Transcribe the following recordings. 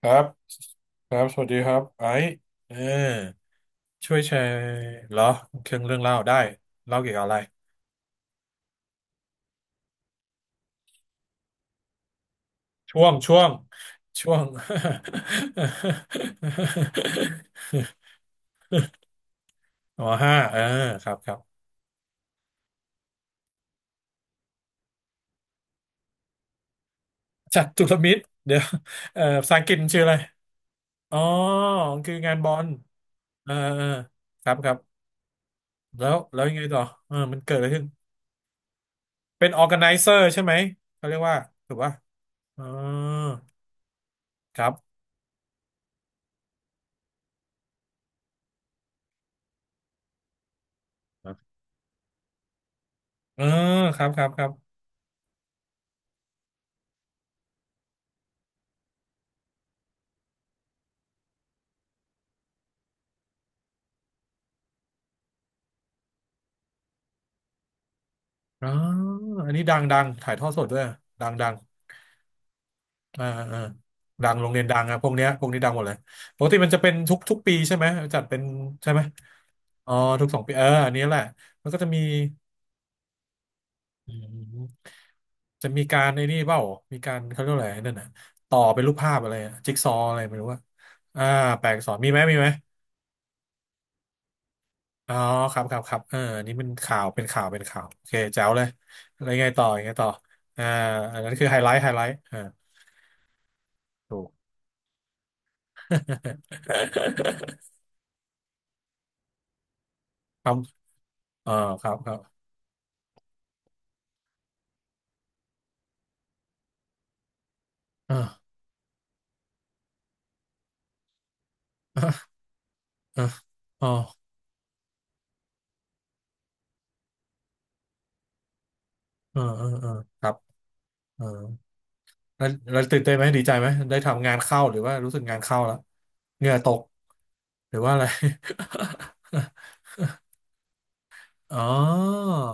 ครับครับสวัสดีครับไอซ์เออช่วยแชร์เหรอเครื่องเรื่องเล่าได้เล่าเกี่ยวกับอะไรช่วงช่วงช่วง อ๋อห้าเออครับครับจัตุรมิตรเดี๋ยวเออภาษาอังกฤษมันชื่ออะไรอ๋อคืองานบอลเออเออครับครับแล้วยังไงต่อเออมันเกิดอะไรขึ้นเป็น organizer ใช่ไหมเขาเรียกว่าถูกป่ะอ๋อครับเออครับครับครับ อ๋ออันนี้ดังดังถ่ายทอดสดด้วยดังดังอ่าอ่าดังโรงเรียนดังอะพวกเนี้ยพวกนี้ดังหมดเลยปกติมันจะเป็นทุกทุกปีใช่ไหมจัดเป็นใช่ไหมอ๋อทุกสองปีเอออันนี้แหละมันก็จะมีอืมจะมีการไอ้นี่เปล่ามีการเขาเรียกว่าอะไรนั่นน่ะต่อเป็นรูปภาพอะไรอะจิ๊กซอว์อะไรไม่รู้ว่าอ่าแปลอักษรมีไหมมีไหมอ๋อครับครับครับเอออันนี้มันข่าวเป็นข่าวเป็นข่าวโอเคแจ๋วเลยอะไรไงต่อยังไงต่ออ่าอันนั้นคือไฮไลท์ไฮไลท์อ่าถูก ครับเออครับ ครับอ่าอ่าอ่าอ๋อเออเออเออครับเออแล้วตื่นเต้นไหม ดีใจไหมได้ทำงานเข้าหรือว่ารู้สึกงานเข้าแล้วเหงื่อตก หรือว่าอะไร อ๋อ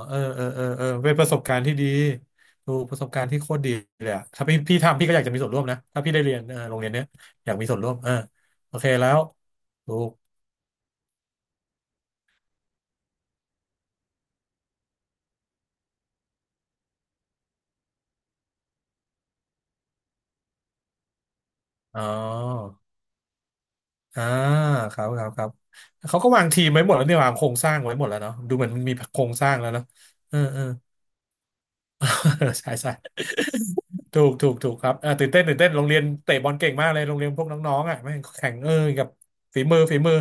เออเออเออเออเป็นประสบการณ์ที่ดีดูประสบการณ์ที่โคตรดีเลยอะถ้าพี่ทำพี่ก็อยากจะมีส่วนร่วมนะถ้าพี่ได้เรียนเออโรงเรียนเนี้ย อยากมีส่วนร่วมเออโอเคแล้วถูกอ๋อ อ่าครับครับครับเขาก็วางทีมไว้หมดแล้วเนี่ยวางโครงสร้างไว้หมดแล้วเนาะดูเหมือนมันมีโครงสร้างแล้วเนอะเออเออ ใช่ใช่ถูกถูกถูกครับอ่าตื่นเต้นตื่นเต้นโรงเรียนเตะบอลเก่งมากเลยโรงเรียนพวกน้องๆอ่ะแม่งแข่งเออกับฝีมือฝีมือ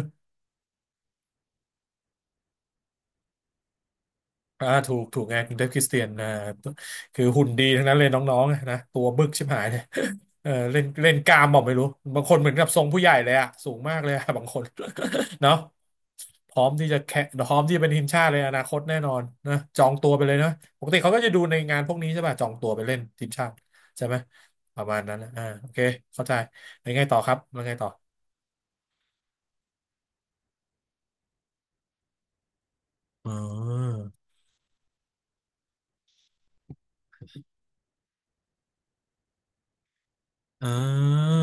อ่าถูกถูกไงครุงเดฟคริสเตียนอ่าคือหุ่นดีทั้งนั้นเลยน้องๆอะนะตัวบึกชิบหายเลย เออเล่นเล่นกล้ามบอกไม่รู้บางคนเหมือนกับทรงผู้ใหญ่เลยอะสูงมากเลยอะ บางคน เนาะพร้อมที่จะแข่งพร้อมที่จะเป็นทีมชาติเลยอนาคตแน่นอนนะจองตัวไปเลยนะปกติเขาก็จะดูในงานพวกนี้ใช่ป่ะจองตัวไปเล่นทีมชาติใช่ไหมประมาณนั้นนะอ่าโอเคเข้าใจแล้วไงต่อครับแล้วไงต่ออ๋ออ่า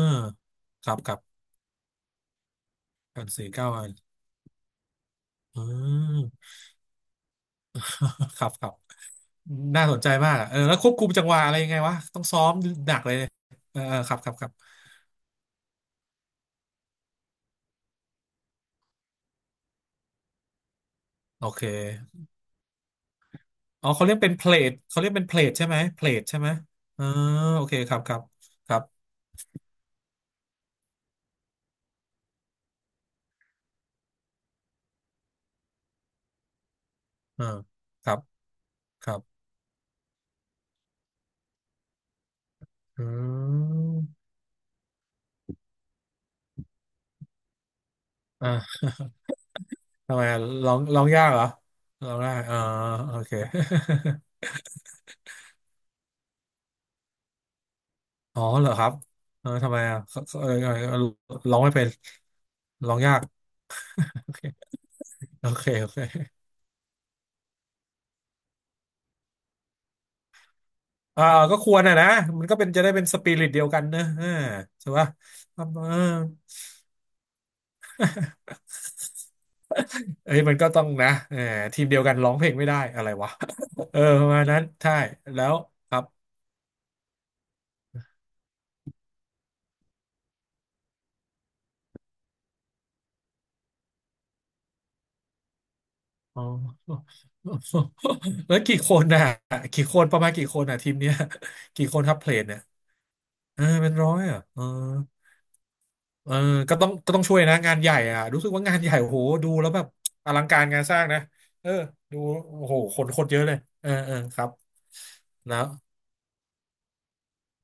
ครับครับกันสี่เก้าอันอืม ครับครับ น่าสนใจมากอะเออแล้วควบคุมจังหวะอะไรยังไงวะ ต้องซ้อมหนักเลยเออเออครับครับครับ โอเคอ๋อเขาเรียกเป็นเพลทเขาเรียกเป็นเพลทใช่ไหมเพลทใช่ไหมเออโอเคครับครับครับเออครับครับ อืมอ่าทำไมอะร้องยากเหรอร้องได้อ่าโอเค อ๋อเหรอครับเออทำไมอ่ะเขาเออเออเออร้องไม่เป็นร้องยาก โอเคโอเคโอเค อ่าก็ควรอ่ะนะมันก็เป็นจะได้เป็นสปิริตเดียวกันเนอะอ่าใช่ปะเออเอ้ยมันก็ต้องนะเออทีมเดียวกันร้องเพลงไม่ได้อะไรวะ เออประมาณนั้นใช่แล้วครับ อ๋อแล้วกี่คนน่ะกี่คนประมาณกี่คนน่ะทีมเนี้ยกี่คนครับเพลนเนี่ยเออเป็นร้อยอ่ะเออเออก็ต้องก็ต้องช่วยนะงานใหญ่อ่ะรู้สึกว่างานใหญ่โอ้โหดูแล้วแบบอลังการงานสร้างนะเออดูโอ้โหคนคนเยอะเลยเออเออครับนะ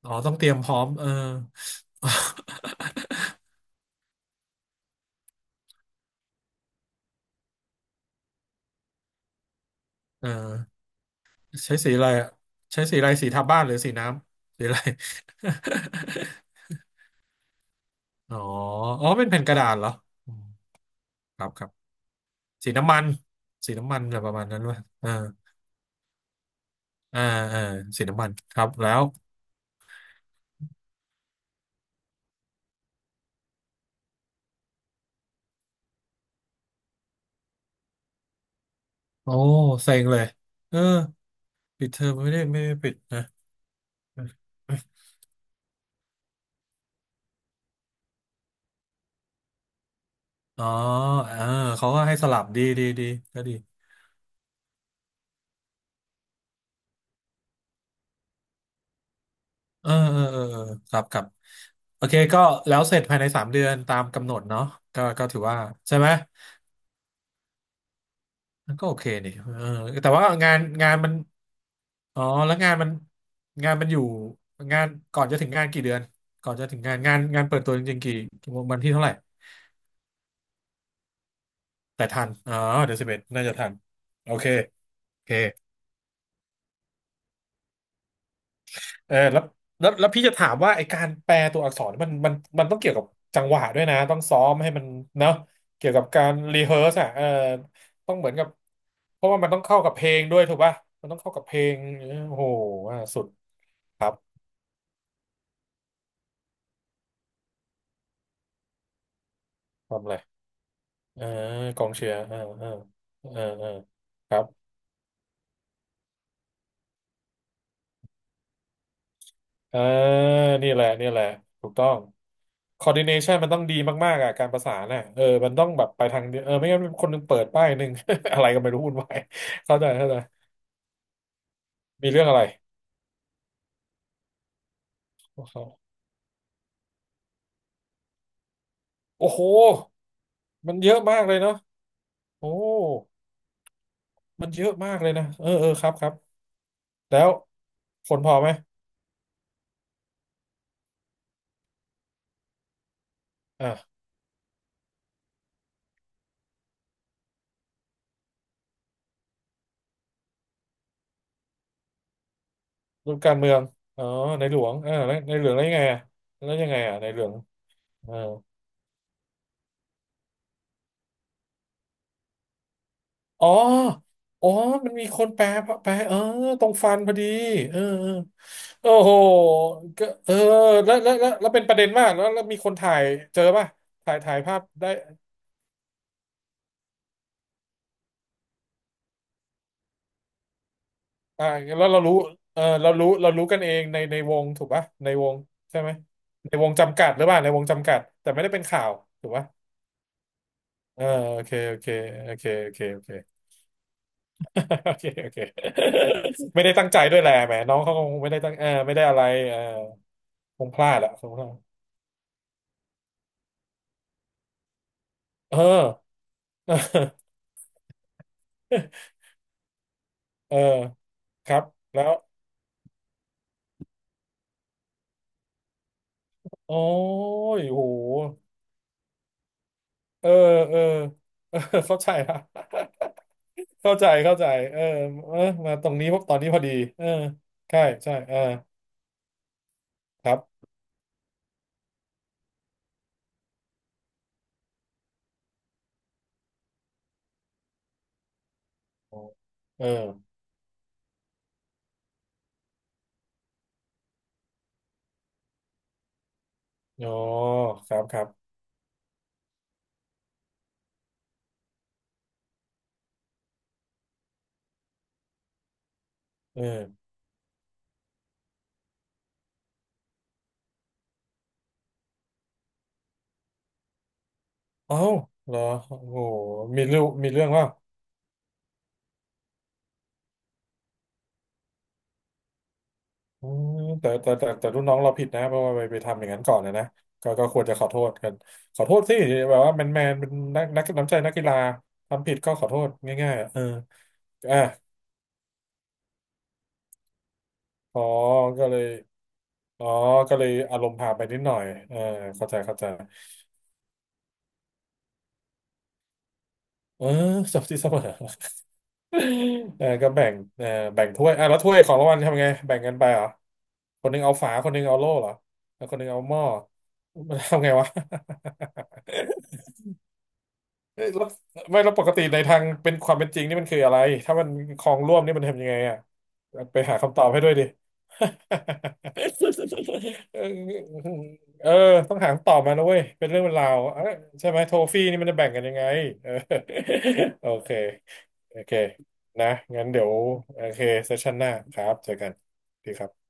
อ๋อต้องเตรียมพร้อมเออเออใช้สีอะไรอะใช้สีอะไรสีทาบ้านหรือสีน้ำสีอะไร อ๋ออ๋อเป็นแผ่นกระดาษเหรออืมครับครับสีน้ำมันสีน้ำมันอะไรประมาณนั้นวะอ่าอ่าอ่าสีน้ำมันครับแล้วโอ้เซ็งเลยเออปิดเทอมไม่ได้ไม่ได้ปิดนะ อ๋อเออเขาก็ให้สลับดีดีดีก็ดี เออเออเออเออครับครับโอเคก็แล้วเสร็จภายใน3 เดือนตามกำหนดเนาะก็ก็ถือว่าใช่ไหมมันก็โอเคนี่เออแต่ว่างานมันอ๋อแล้วงานมันอยู่งานก่อนจะถึงงานกี่เดือนก่อนจะถึงงานเปิดตัวจริงๆกี่วันที่เท่าไหร่แต่ทันอ๋อเดือน11น่าจะทันโอเคโอเค เออแล้วพี่จะถามว่าไอการแปลตัวอักษรมันต้องเกี่ยวกับจังหวะด้วยนะต้องซ้อมให้มันเนาะเกี่ยวกับการรีเฮิร์สอ่ะเออต้องเหมือนกับเพราะว่ามันต้องเข้ากับเพลงด้วยถูกป่ะมันต้องเข้ากับเพลงเออโอ้โหว่าสุดครับทำอะไรเออกองเชียร์เออเออเออเออครับเออนี่แหละนี่แหละถูกต้อง coordination มันต้องดีมากๆอ่ะการประสานน่ะเออมันต้องแบบไปทางเดียวเออไม่งั้นคนหนึงเปิดป้ายหนึ่ง อะไรก็ไม่รู้วุ่นวายเข้าใจเข้าใจ มีเรื่องอะไรพวกเขาโอ้โหมันเยอะมากเลยเนาะโอ้มันเยอะมากเลยนะเออเออครับครับแล้วคนพอไหมอ่ะรูปการเมืองอ๋อในหลวงเออแล้วในหลวงแล้วยังไงอ่ะแล้วยังไงอ่ะในหลวงเอออ๋ออ๋อมันมีคนแปลแปลเออตรงฟันพอดีเออเออโอ้โหก็เออแล้วเป็นประเด็นมากแล้วแล้วมีคนถ่ายเจอป่ะถ่ายถ่ายภาพได้ อ่าแล้วเรารู้เออเรารู้เรารู้กันเองในในวงถูกปะในวงใช่ไหมในวงจำกัดหรือเปล่าในวงจำกัดแต่ไม่ได้เป็นข่าวถูกปะเออโอเคโอเคโอเคโอเคโอเค โอเคโอเค ไม่ได้ตั้งใจด้วยแหละแหมน้องเขาคงไม่ได้ตั้งเออไม่ได้อะไรเออคงพลาดอะคงพลาดเออ เออครับแล้วโอ้ยโหเออเออเออ เข้าใจละ เข้าใจเข้าใจเออเออมาตรงนี้พวกตอนนี้พอดีเออใช่ใช่เออครับโอ้เอออ๋อครับครับเออเอ้าเหรอโอ้โหมีเรื่องมีเรื่องว่าอืมแต่รุ่นน้องเราผิดนะเพราะว่าไปทำอย่างนั้นก่อนนะนะก็ควรจะขอโทษกันขอโทษสิแบบว่าแมนแมนเป็นนักนักน้ำใจนักกีฬาทำผิดก็ขอโทษง่ายๆอะเอออ่ะอ๋อก็เลยอ๋อก็เลยอารมณ์พาไปนิดหน่อยเออเข้าใจเข้าใจเออจบ ที่เสมอ เออก็แบ่งเออแบ่งถ้วยอ่ะแล้วถ้วยของรางวัลทำไงแบ่งกันไปเหรอคนหนึงเอาฝาคนหนึงเอาโล่เหรอแล้วคนหนึงเอาหม้อมันทำไงวะ เอ้ยแล้วไม่แล้วปกติในทางเป็นความเป็นจริงนี่มันคืออะไรถ้ามันคลองร่วมนี่มันทำยังไงอ่ะไปหาคำตอบให้ด้วยดิ เออเออต้องหาคำตอบมานะเว้ยเป็นเรื่องเป็นราวเอ้ยใช่ไหมโทฟี่นี่มันจะแบ่งกันยังไงเออ โอเค โอเค นะ งั้นเดี๋ยว โอเคเซสชันหน้าครับเจอกันดีครับ